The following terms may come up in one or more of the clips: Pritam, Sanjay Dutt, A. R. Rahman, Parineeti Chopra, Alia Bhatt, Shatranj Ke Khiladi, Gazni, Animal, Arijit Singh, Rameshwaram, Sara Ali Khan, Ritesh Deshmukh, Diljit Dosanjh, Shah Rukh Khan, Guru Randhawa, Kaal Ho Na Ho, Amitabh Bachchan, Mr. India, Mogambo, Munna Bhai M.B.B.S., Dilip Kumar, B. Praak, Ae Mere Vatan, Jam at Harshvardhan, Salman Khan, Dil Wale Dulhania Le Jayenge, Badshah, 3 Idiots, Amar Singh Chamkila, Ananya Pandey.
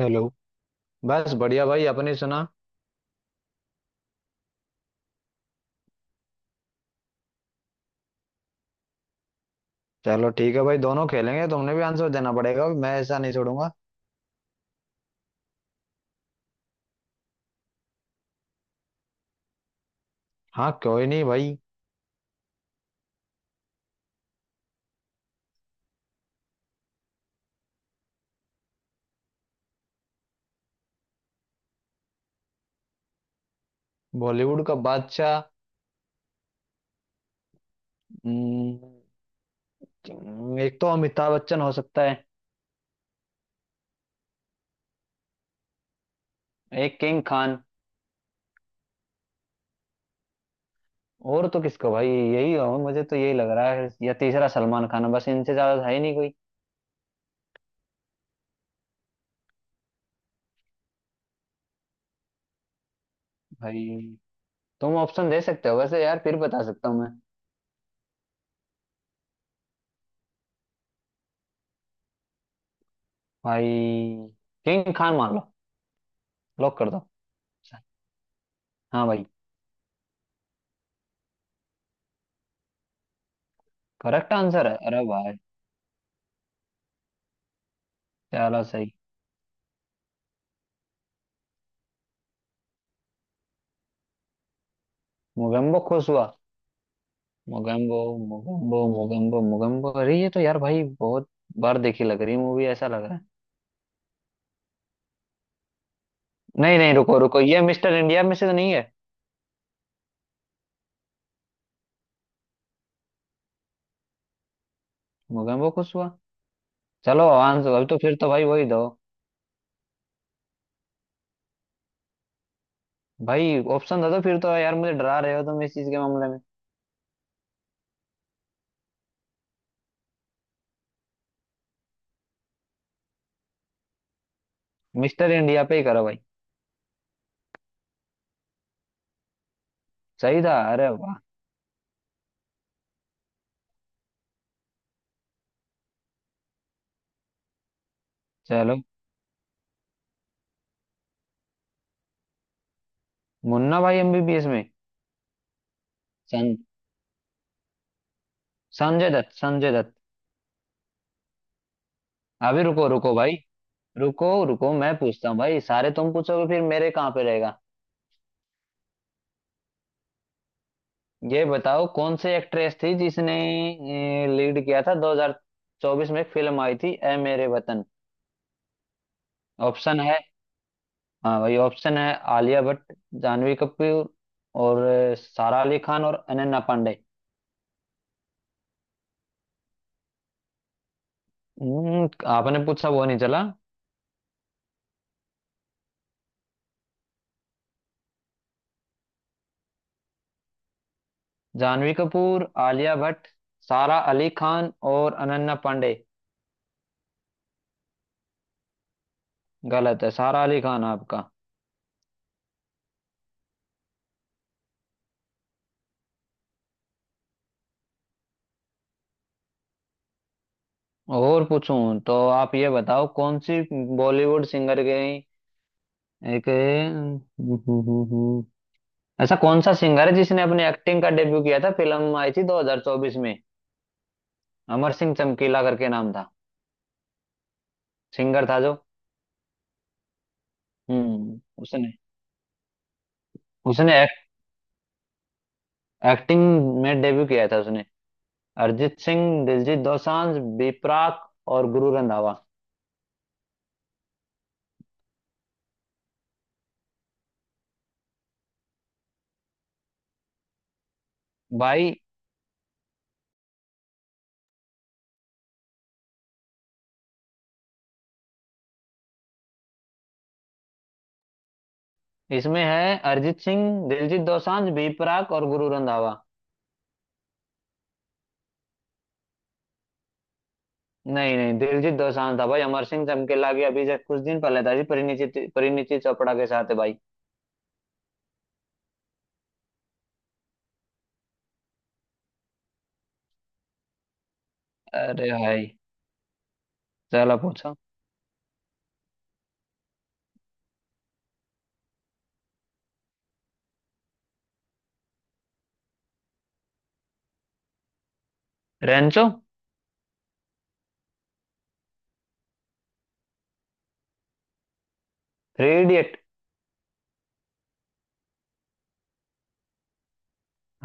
Hello. बस बढ़िया भाई अपनी सुना। चलो ठीक है भाई दोनों खेलेंगे, तुमने भी आंसर देना पड़ेगा, मैं ऐसा नहीं छोड़ूंगा। हाँ क्यों ही नहीं भाई। बॉलीवुड का बादशाह, हम्म, एक तो अमिताभ बच्चन हो सकता है। एक किंग खान। और तो किसको भाई, यही हो, मुझे तो यही लग रहा है, या तीसरा सलमान खान है। बस इनसे ज्यादा है ही नहीं कोई। भाई तुम ऑप्शन दे सकते हो वैसे यार, फिर बता सकता हूँ मैं। भाई किंग खान मान लो, लॉक कर दो। हाँ भाई। करेक्ट आंसर है अरे भाई। चलो सही। मोगेम्बो खुश हुआ। मोगेम्बो। मोगेम्बो अरे ये तो यार भाई बहुत बार देखी लग रही मूवी, ऐसा लग रहा है। नहीं नहीं, रुको रुको ये मिस्टर इंडिया में से तो नहीं है। मोगेम्बो खुश हुआ। चलो आंसर अब तो फिर तो भाई वही दो। भाई ऑप्शन दे दो तो फिर तो यार मुझे डरा रहे हो तुम इस चीज के मामले में। मिस्टर इंडिया पे ही करो भाई। सही था अरे वाह। चलो मुन्ना भाई एमबीबीएस में। सं, संजय दत्त। संजय दत्त। अभी रुको रुको भाई, रुको रुको मैं पूछता हूँ भाई, सारे तुम पूछोगे फिर मेरे कहाँ पे रहेगा। ये बताओ कौन सी एक्ट्रेस थी जिसने लीड किया था 2024 में, एक फिल्म आई थी ए मेरे वतन। ऑप्शन है। हाँ भाई ऑप्शन है, आलिया भट्ट, जानवी कपूर और सारा अली खान और अनन्या पांडे। आपने पूछा वो नहीं चला। जानवी कपूर, आलिया भट्ट, सारा अली खान और अनन्या पांडे। गलत है, सारा अली खान आपका। और पूछूं तो आप ये बताओ कौन सी बॉलीवुड सिंगर गई एक ऐसा कौन सा सिंगर है जिसने अपने एक्टिंग का डेब्यू किया था, फिल्म आई थी 2024 में, अमर सिंह चमकीला करके नाम था, सिंगर था जो। हम्म। उसने उसने एक्टिंग में डेब्यू किया था उसने। अरिजीत सिंह, दिलजीत दोसांझ, बीपराग और गुरु रंधावा। भाई इसमें है अरिजीत सिंह, दिलजीत दोसांझ, बीपराग और गुरु रंधावा। नहीं नहीं, दिलजीत दोसांझ था भाई, अमर सिंह चमकीला की अभी जब कुछ दिन पहले था जी, परिणीति परिणीति चोपड़ा के साथ है भाई। अरे भाई। चलो पूछो। रेंचो। Three idiot.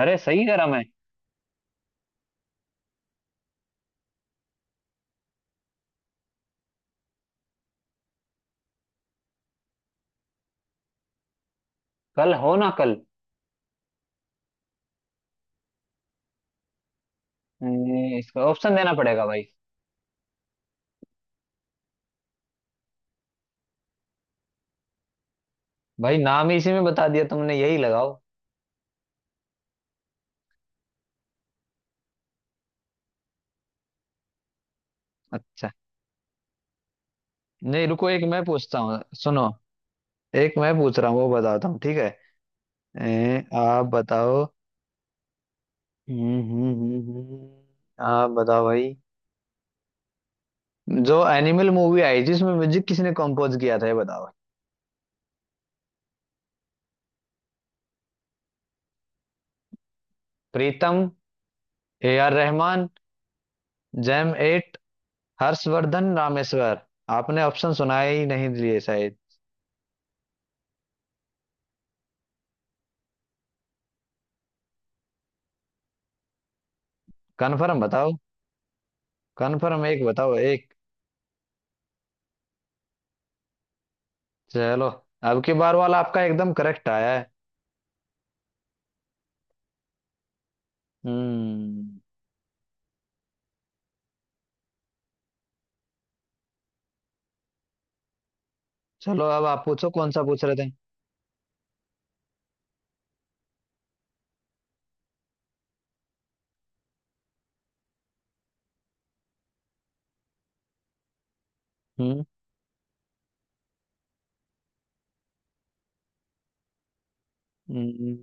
अरे सही करा मैं। कल हो ना कल। इसका ऑप्शन देना पड़ेगा भाई। भाई नाम ही इसी में बता दिया तुमने, यही लगाओ। अच्छा नहीं, रुको, एक मैं पूछता हूँ, सुनो। एक मैं पूछ रहा हूँ, वो बताता हूँ, ठीक है। आप बताओ। आप बताओ भाई, जो एनिमल मूवी आई जिसमें म्यूजिक किसने कंपोज किया था, ये बताओ। Pritam, A R Rahman, jam eight, Harshvardhan Rameshwar. आपने ऑप्शन सुनाए ही नहीं दिए शायद। कन्फर्म बताओ। कन्फर्म एक बताओ एक। चलो, अब की बार वाला आपका एकदम करेक्ट आया है। हम्म। चलो अब आप पूछो, कौन सा पूछ रहे थे। हम्म हम्म,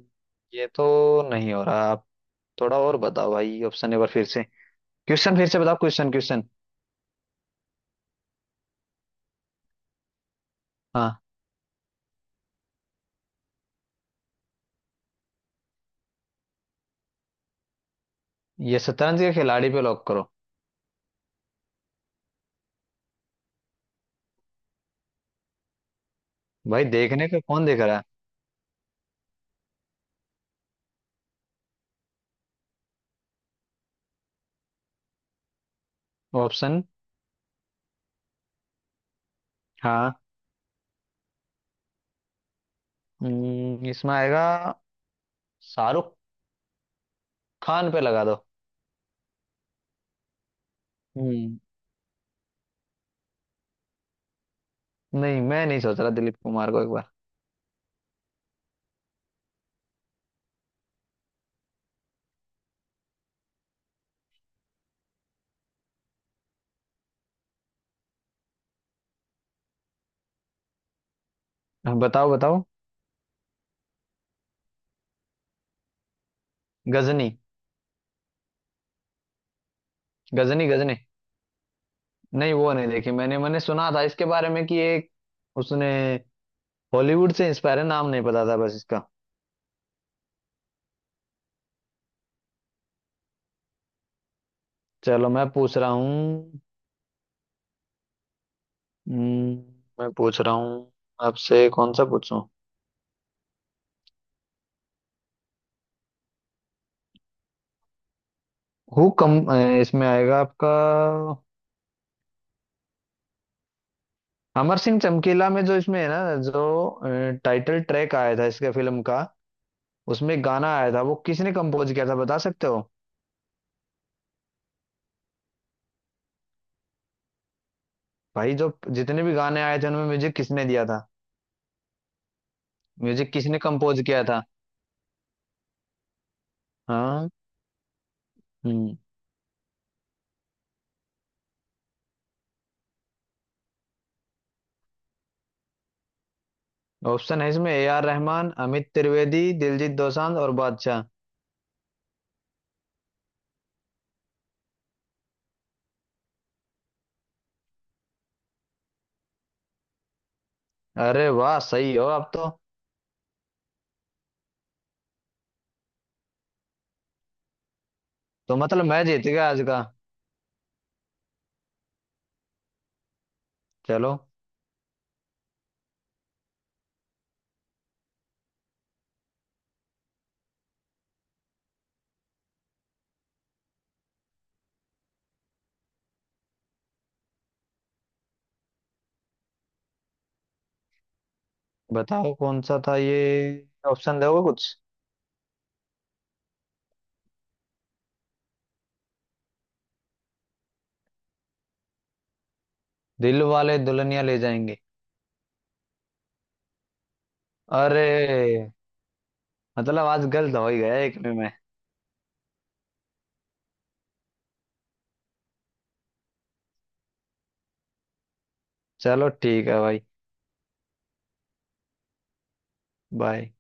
ये तो नहीं हो रहा आप। थोड़ा और बताओ भाई, ऑप्शन एक बार फिर से। क्वेश्चन फिर से बताओं, क्वेश्चन, क्वेश्चन। हाँ। ये शतरंज के खिलाड़ी पे लॉक करो। भाई देखने का कौन देख रहा है। ऑप्शन। हाँ, इसमें आएगा शाहरुख खान पे लगा दो। हम्म। नहीं, मैं नहीं सोच रहा दिलीप कुमार को एक बार। हाँ, बताओ बताओ। गजनी। गजनी। नहीं वो नहीं देखी मैंने, मैंने सुना था इसके बारे में कि एक उसने हॉलीवुड से इंस्पायर है, नाम नहीं पता था बस इसका। चलो मैं पूछ रहा हूँ। हम्म, मैं पूछ रहा हूँ आपसे, कौन सा पूछूं। हु कम इसमें आएगा आपका। अमर सिंह चमकीला में जो इसमें है ना, जो टाइटल ट्रैक आया था इसके फिल्म का, उसमें गाना आया था वो किसने कंपोज किया था, बता सकते हो। भाई जो जितने भी गाने आए थे उनमें म्यूजिक किसने दिया था। म्यूजिक किसने कंपोज किया था। हाँ। हम्म। ऑप्शन है इसमें ए आर रहमान, अमित त्रिवेदी, दिलजीत दोसांझ और बादशाह। अरे वाह, सही हो अब तो। तो मतलब मैं जीत गया आज का। चलो बताओ कौन सा था ये, ऑप्शन दोगे कुछ। दिल वाले दुल्हनिया ले जाएंगे। अरे, मतलब आज गलत हो ही गया एक में मैं। चलो ठीक है भाई। बाय।